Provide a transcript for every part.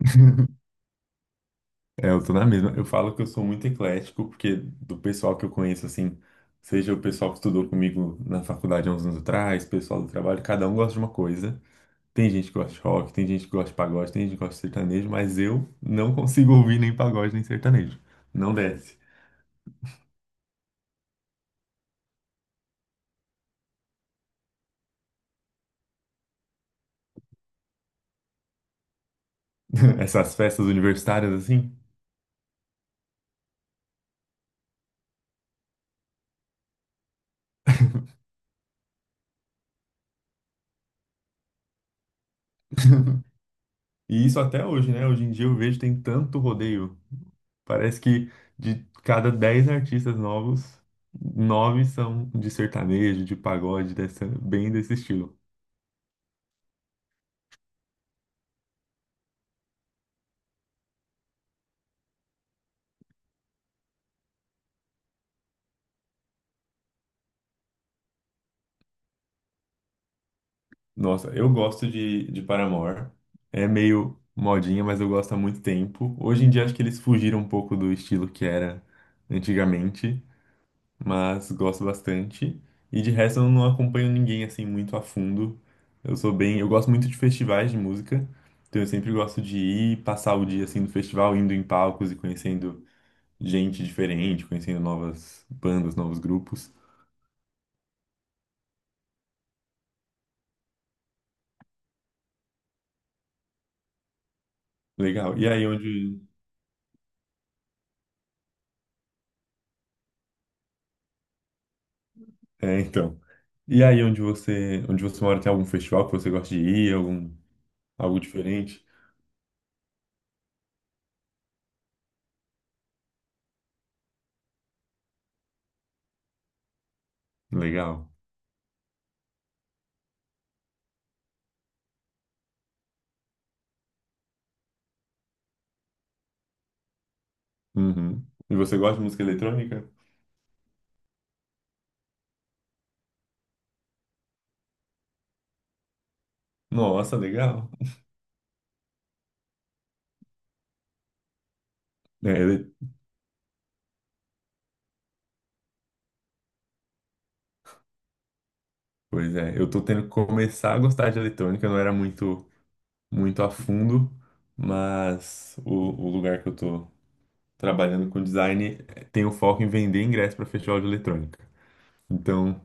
É, eu tô na mesma. Eu falo que eu sou muito eclético, porque do pessoal que eu conheço, assim, seja o pessoal que estudou comigo na faculdade há uns anos atrás, pessoal do trabalho, cada um gosta de uma coisa. Tem gente que gosta de rock, tem gente que gosta de pagode, tem gente que gosta de sertanejo, mas eu não consigo ouvir nem pagode nem sertanejo. Não desce. Essas festas universitárias, assim. E isso até hoje, né? Hoje em dia eu vejo tem tanto rodeio. Parece que de cada 10 artistas novos, 9 são de sertanejo, de pagode, dessa, bem desse estilo. Nossa, eu gosto de Paramore. É meio modinha, mas eu gosto há muito tempo. Hoje em dia acho que eles fugiram um pouco do estilo que era antigamente, mas gosto bastante. E de resto eu não acompanho ninguém assim muito a fundo. Eu sou bem, eu gosto muito de festivais de música, então eu sempre gosto de ir passar o dia assim no festival, indo em palcos e conhecendo gente diferente, conhecendo novas bandas, novos grupos. Legal. E aí onde. É, então. E aí onde você mora, tem algum festival que você gosta de ir, algum, algo diferente? Legal. Uhum. E você gosta de música eletrônica? Nossa, legal. É, ele- Pois é, eu tô tendo que começar a gostar de eletrônica, eu não era muito, muito a fundo, mas o lugar que eu tô trabalhando com design tem o foco em vender ingresso para festival de eletrônica. Então,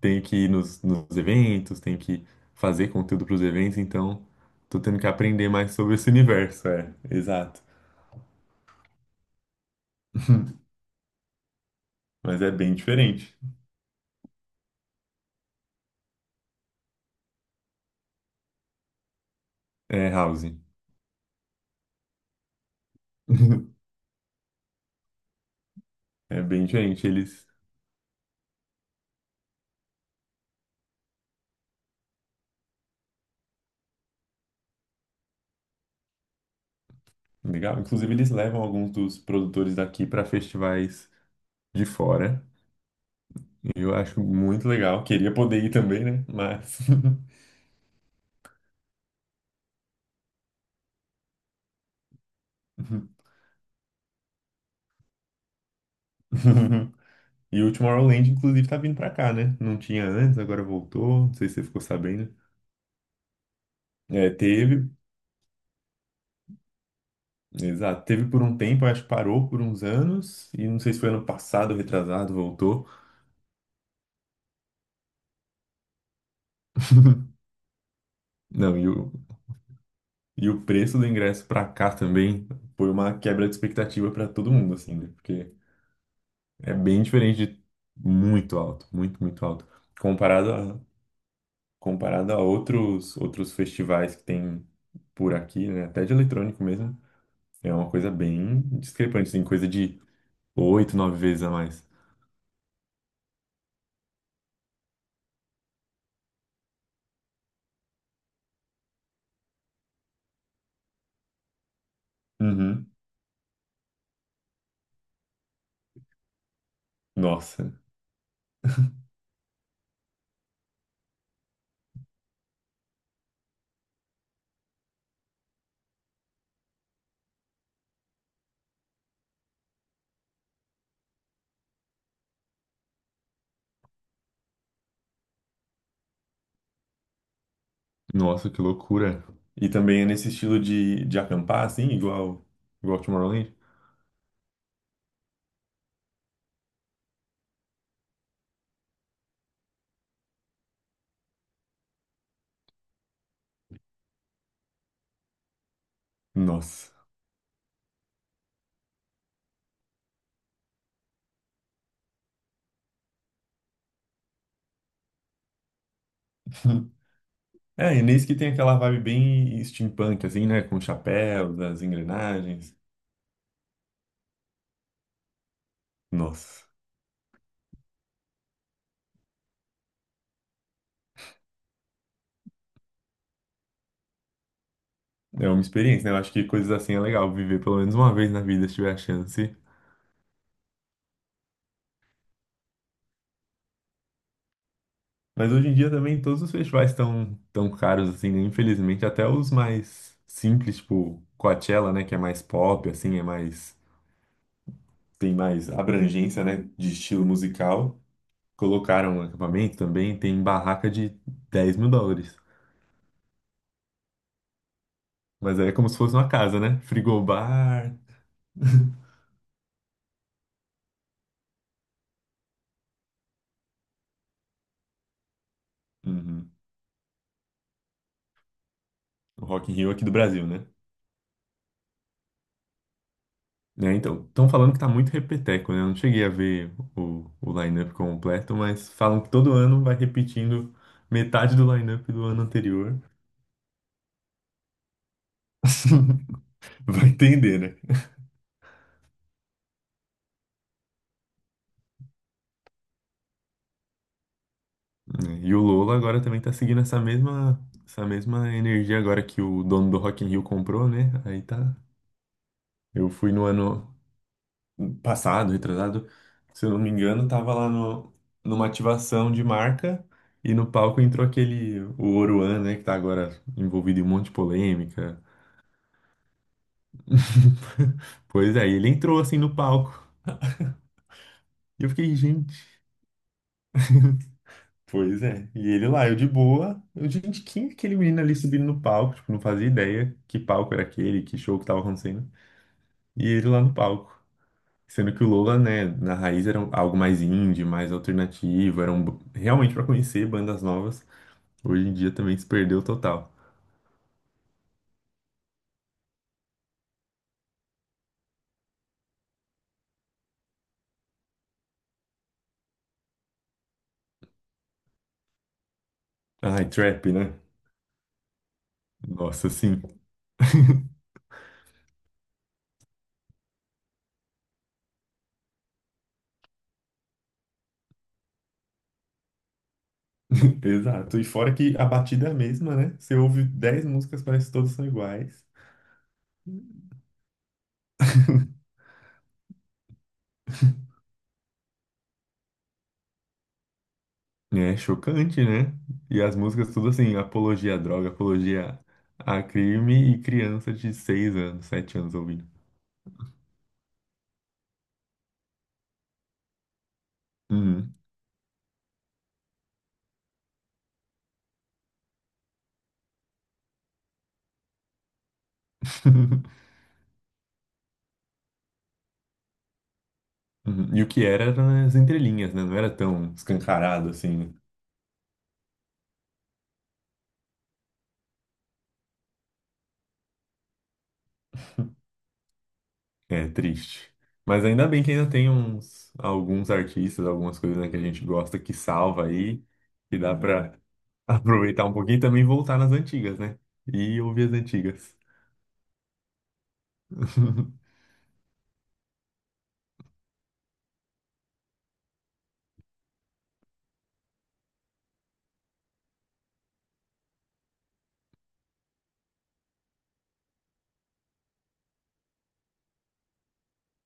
tenho que ir nos eventos, tenho que fazer conteúdo para os eventos, então tô tendo que aprender mais sobre esse universo, é, exato. Mas é bem diferente. É, house. É bem diferente. Eles, legal. Inclusive, eles levam alguns dos produtores daqui para festivais de fora. Eu acho muito legal. Queria poder ir também, né? Mas. E o Tomorrowland, inclusive, tá vindo pra cá, né? Não tinha antes, agora voltou. Não sei se você ficou sabendo. É, teve. Exato. Teve por um tempo, acho que parou por uns anos, e não sei se foi ano passado, retrasado, voltou. Não, e o preço do ingresso pra cá também foi uma quebra de expectativa pra todo mundo, assim, né? Porque é bem diferente de muito alto, muito, muito alto. Comparado a, comparado a outros, outros festivais que tem por aqui, né? Até de eletrônico mesmo, é uma coisa bem discrepante, assim, coisa de 8, 9 vezes a mais. Uhum. Nossa, Nossa, que loucura. E também é nesse estilo de acampar, assim, igual, igual Tomorrowland? Nossa. É, e nesse que tem aquela vibe bem steampunk, assim, né? Com chapéus, as engrenagens. Nossa. É uma experiência, né? Eu acho que coisas assim é legal viver pelo menos uma vez na vida, se tiver a chance. Mas hoje em dia também todos os festivais estão tão tão caros, assim, né? Infelizmente, até os mais simples, tipo Coachella, né? Que é mais pop, assim, é mais... Tem mais abrangência, né? De estilo musical. Colocaram um acampamento também, tem barraca de 10 mil dólares. Mas aí é como se fosse uma casa, né? Frigobar. Uhum. O Rock in Rio aqui do Brasil, né? É, então, estão falando que tá muito repeteco, né? Eu não cheguei a ver o line-up completo, mas falam que todo ano vai repetindo metade do line-up do ano anterior. Vai entender, né? É, e o Lola agora também tá seguindo essa mesma energia agora que o dono do Rock in Rio comprou, né? Aí tá. Eu fui no ano passado, retrasado, se eu não me engano, tava lá no, numa ativação de marca e no palco entrou aquele, o Oruan, né, que tá agora envolvido em um monte de polêmica. Pois é, e ele entrou assim no palco. E eu fiquei, gente, pois é. E ele lá, eu de boa. Eu, gente, quem é aquele menino ali subindo no palco? Tipo, não fazia ideia que palco era aquele, que show que tava acontecendo. E ele lá no palco. Sendo que o Lola, né, na raiz era um- algo mais indie, mais alternativo, era um, b- realmente para conhecer bandas novas. Hoje em dia também se perdeu total. Ai, trap, né? Nossa, sim. Exato. E fora que a batida é a mesma, né? Você ouve 10 músicas, parece que todas são iguais. É chocante, né? E as músicas tudo assim, apologia à droga, apologia a crime e criança de 6 anos, 7 anos ouvindo. Uhum. Uhum. E o que era era nas entrelinhas, né? Não era tão escancarado assim. É triste. Mas ainda bem que ainda tem uns alguns artistas, algumas coisas, né, que a gente gosta que salva aí, que dá pra aproveitar um pouquinho e também voltar nas antigas, né? E ouvir as antigas.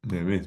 Não é mesmo?